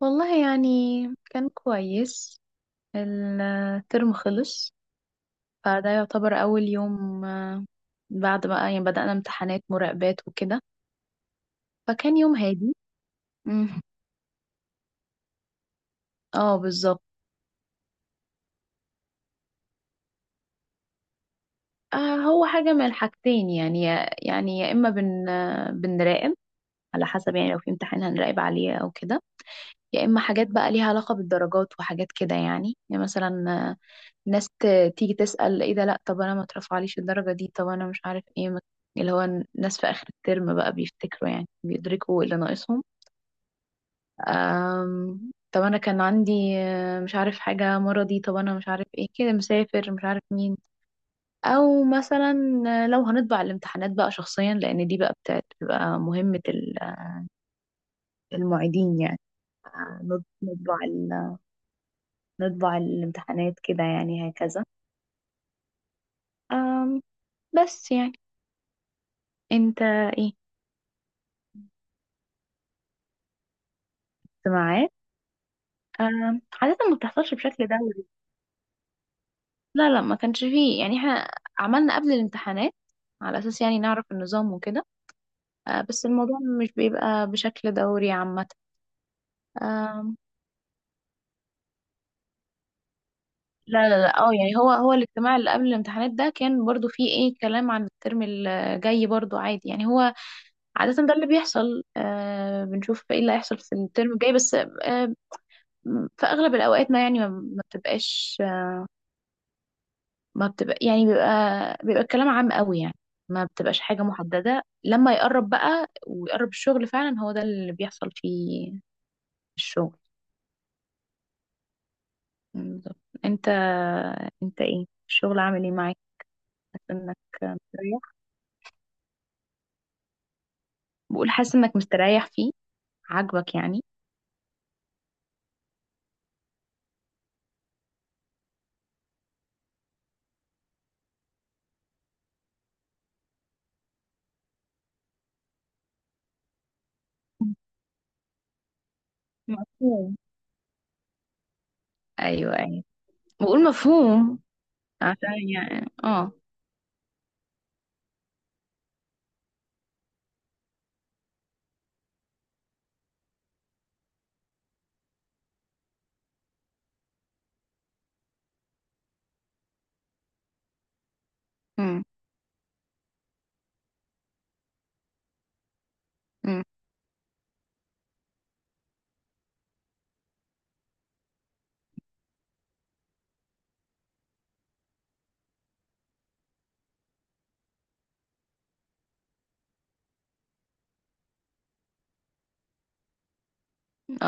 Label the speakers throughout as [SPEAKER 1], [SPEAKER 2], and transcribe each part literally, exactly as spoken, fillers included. [SPEAKER 1] والله يعني كان كويس. الترم خلص. فده يعتبر أول يوم آه، بعد بقى يعني بدأنا امتحانات مراقبات وكده. فكان يوم هادي. مم. اه بالظبط. آه هو حاجة من الحاجتين، يعني يا- يعني يا إما بن آه، بنراقب، على حسب، يعني لو في امتحان هنراقب عليه أو كده. يا إما حاجات بقى ليها علاقة بالدرجات وحاجات كده، يعني يعني مثلا ناس ت- تيجي تسأل ايه ده، لا طب انا ما اترفعليش الدرجة دي، طب انا مش عارف ايه ما- اللي هو الناس في اخر الترم بقى بيفتكروا، يعني بيدركوا اللي ناقصهم. أم... طب انا كان عندي آه، مش عارف حاجة مرضي، طب انا مش عارف ايه كده، مسافر، مش عارف مين، او مثلا آه، لو هنطبع الامتحانات بقى شخصيا، لان دي بقى بتاعت- بتبقى مهمة ال- آه، المعيدين يعني. آه، نط- نطبع ال- نطبع الامتحانات كده، يعني هكذا. أم... بس يعني. انت ايه؟ انت معايا؟ آم، عادة ما بتحصلش بشكل دوري. لا لا ما كانش فيه، يعني احنا عملنا قبل الامتحانات على أساس، يعني نعرف النظام وكده. آه، بس الموضوع مش بيبقى بشكل دوري عامة. آم، لا لا لا، اه يعني هو هو الاجتماع اللي قبل الامتحانات ده كان برضو فيه ايه كلام عن الترم الجاي، برضو عادي، يعني هو عادة ده اللي بيحصل، آه بنشوف ايه اللي هيحصل في الترم الجاي، بس آه في أغلب الأوقات ما يعني ما ما بتبقاش، ما بتبقى يعني بيبقى، بيبقى الكلام عام قوي، يعني ما بتبقاش حاجة محددة. لما يقرب بقى ويقرب الشغل فعلا، هو ده اللي بيحصل فيه الشغل. بالظبط. انت انت ايه الشغل عامل ايه معاك؟ حاسس انك مستريح؟ بقول حاسس انك مستريح فيه، عاجبك يعني؟ مفهوم. ايوه ايوه، بقول مفهوم. عشان يعني اه. امم. امم.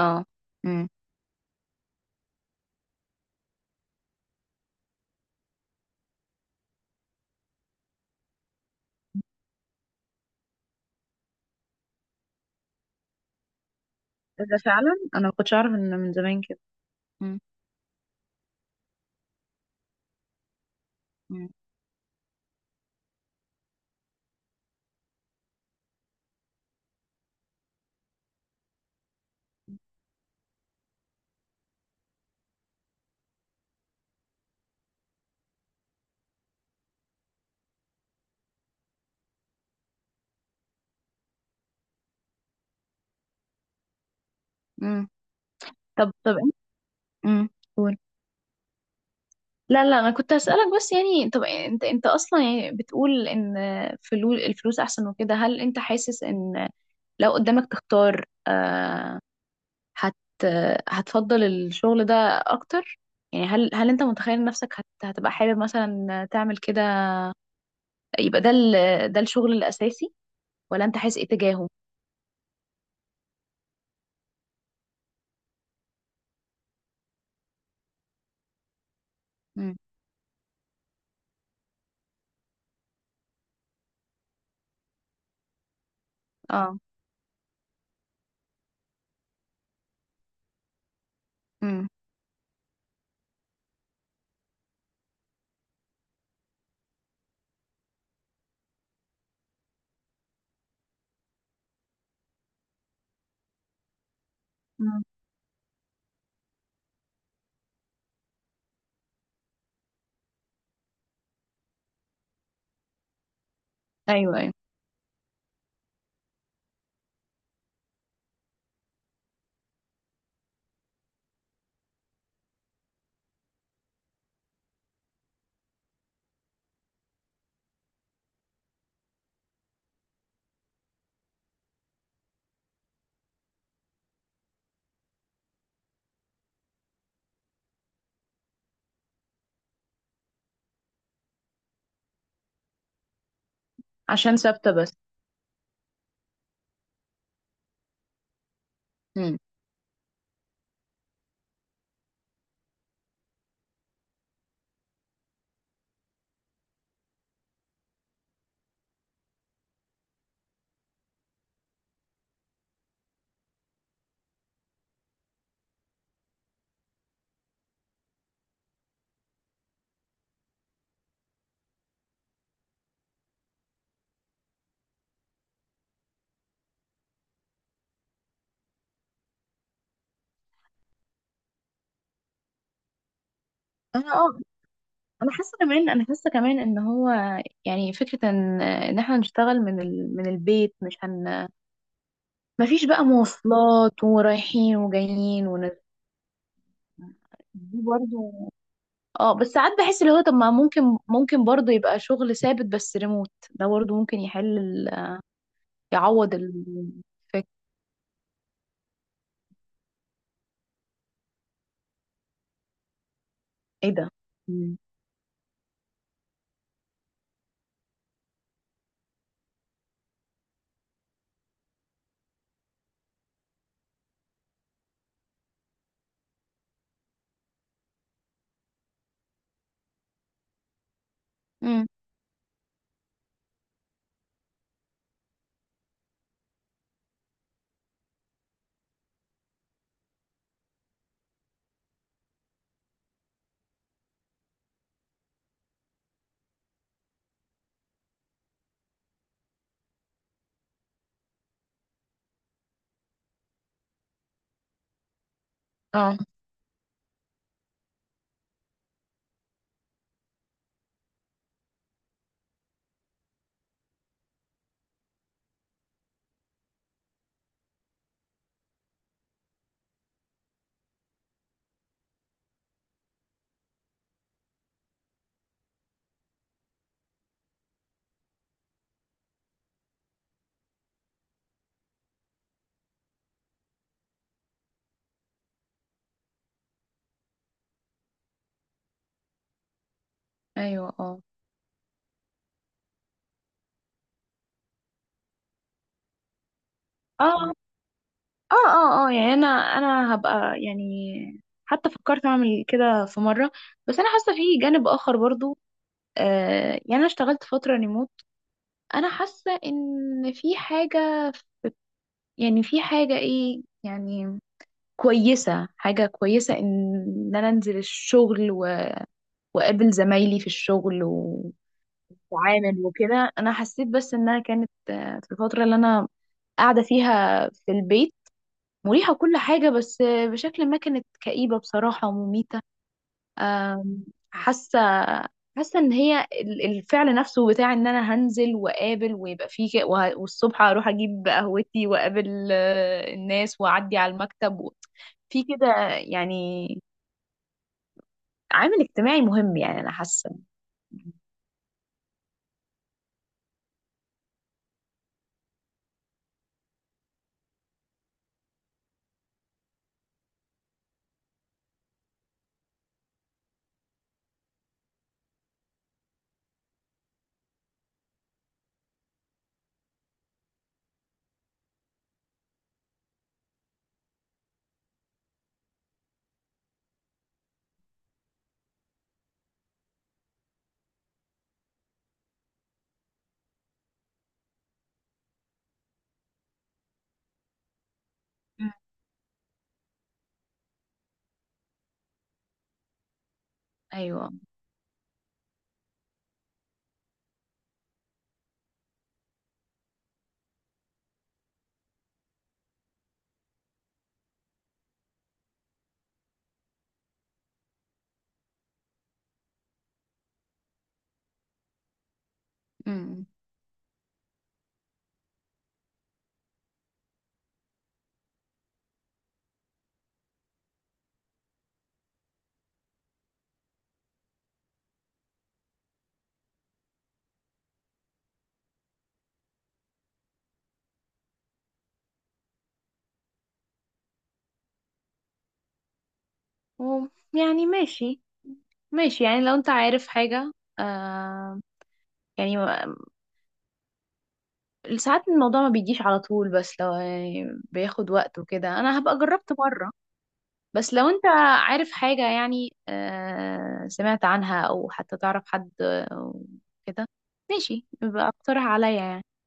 [SPEAKER 1] اه. امم. ده فعلا انا ما كنتش اعرف ان من زمان كده. امم. امم. امم. طب طب. امم. لا لا، انا كنت هسألك، بس يعني طب انت انت اصلا يعني بتقول ان فلوس الفلوس احسن وكده. هل انت حاسس ان لو قدامك تختار آه هت هتفضل الشغل ده اكتر؟ يعني هل هل انت متخيل نفسك هت هتبقى حابب مثلا تعمل كده، يبقى ده ال ده الشغل الاساسي؟ ولا انت حاسس ايه تجاهه؟ امم. اه. امم. ايوه ايوه. عشان ثابتة بس. امم. انا اه انا حاسه كمان، انا حاسه كمان ان هو يعني فكره ان ان احنا نشتغل من ال... من البيت، مش هن مفيش بقى مواصلات ورايحين وجايين ون... دي برضو. اه، بس ساعات بحس اللي هو طب ما ممكن، ممكن برضو يبقى شغل ثابت بس ريموت، ده برضو ممكن يحل ال... يعوض الفكره. ايه ده؟ مم. مم. اه. ايوه. اه اه اه. اه اه، يعني انا انا هبقى، يعني حتى فكرت اعمل كده في مره، بس انا حاسه في جانب اخر برضو. آه يعني انا اشتغلت فتره ريموت، انا حاسه ان في حاجه، يعني في حاجه ايه يعني، كويسه حاجه كويسه ان انا انزل الشغل و- واقابل زمايلي في الشغل، واتعامل وكده. انا حسيت بس انها كانت آه، في الفتره اللي انا قاعده فيها في البيت، مريحة كل حاجة، بس بشكل ما كانت كئيبة بصراحة ومميتة. أم، حاسه، حاسه ان هي ال- الفعل نفسه بتاع ان انا هنزل واقابل، ويبقى فيه ك- وه- والصبح اروح اجيب قهوتي واقابل آه، الناس، واعدي على المكتب و- في كده يعني. عامل اجتماعي مهم يعني، انا حاسه. مم. ايوه. امم. و- يعني ماشي، ماشي يعني لو انت عارف حاجه آه يعني ما- ساعات الموضوع ما بيجيش على طول، بس لو يعني بياخد وقت وكده، انا هبقى جربت مره. بس لو انت عارف حاجة، يعني آه، سمعت عنها او حتى تعرف حد آه، كده، ماشي، يبقى اقترح عليا يعني.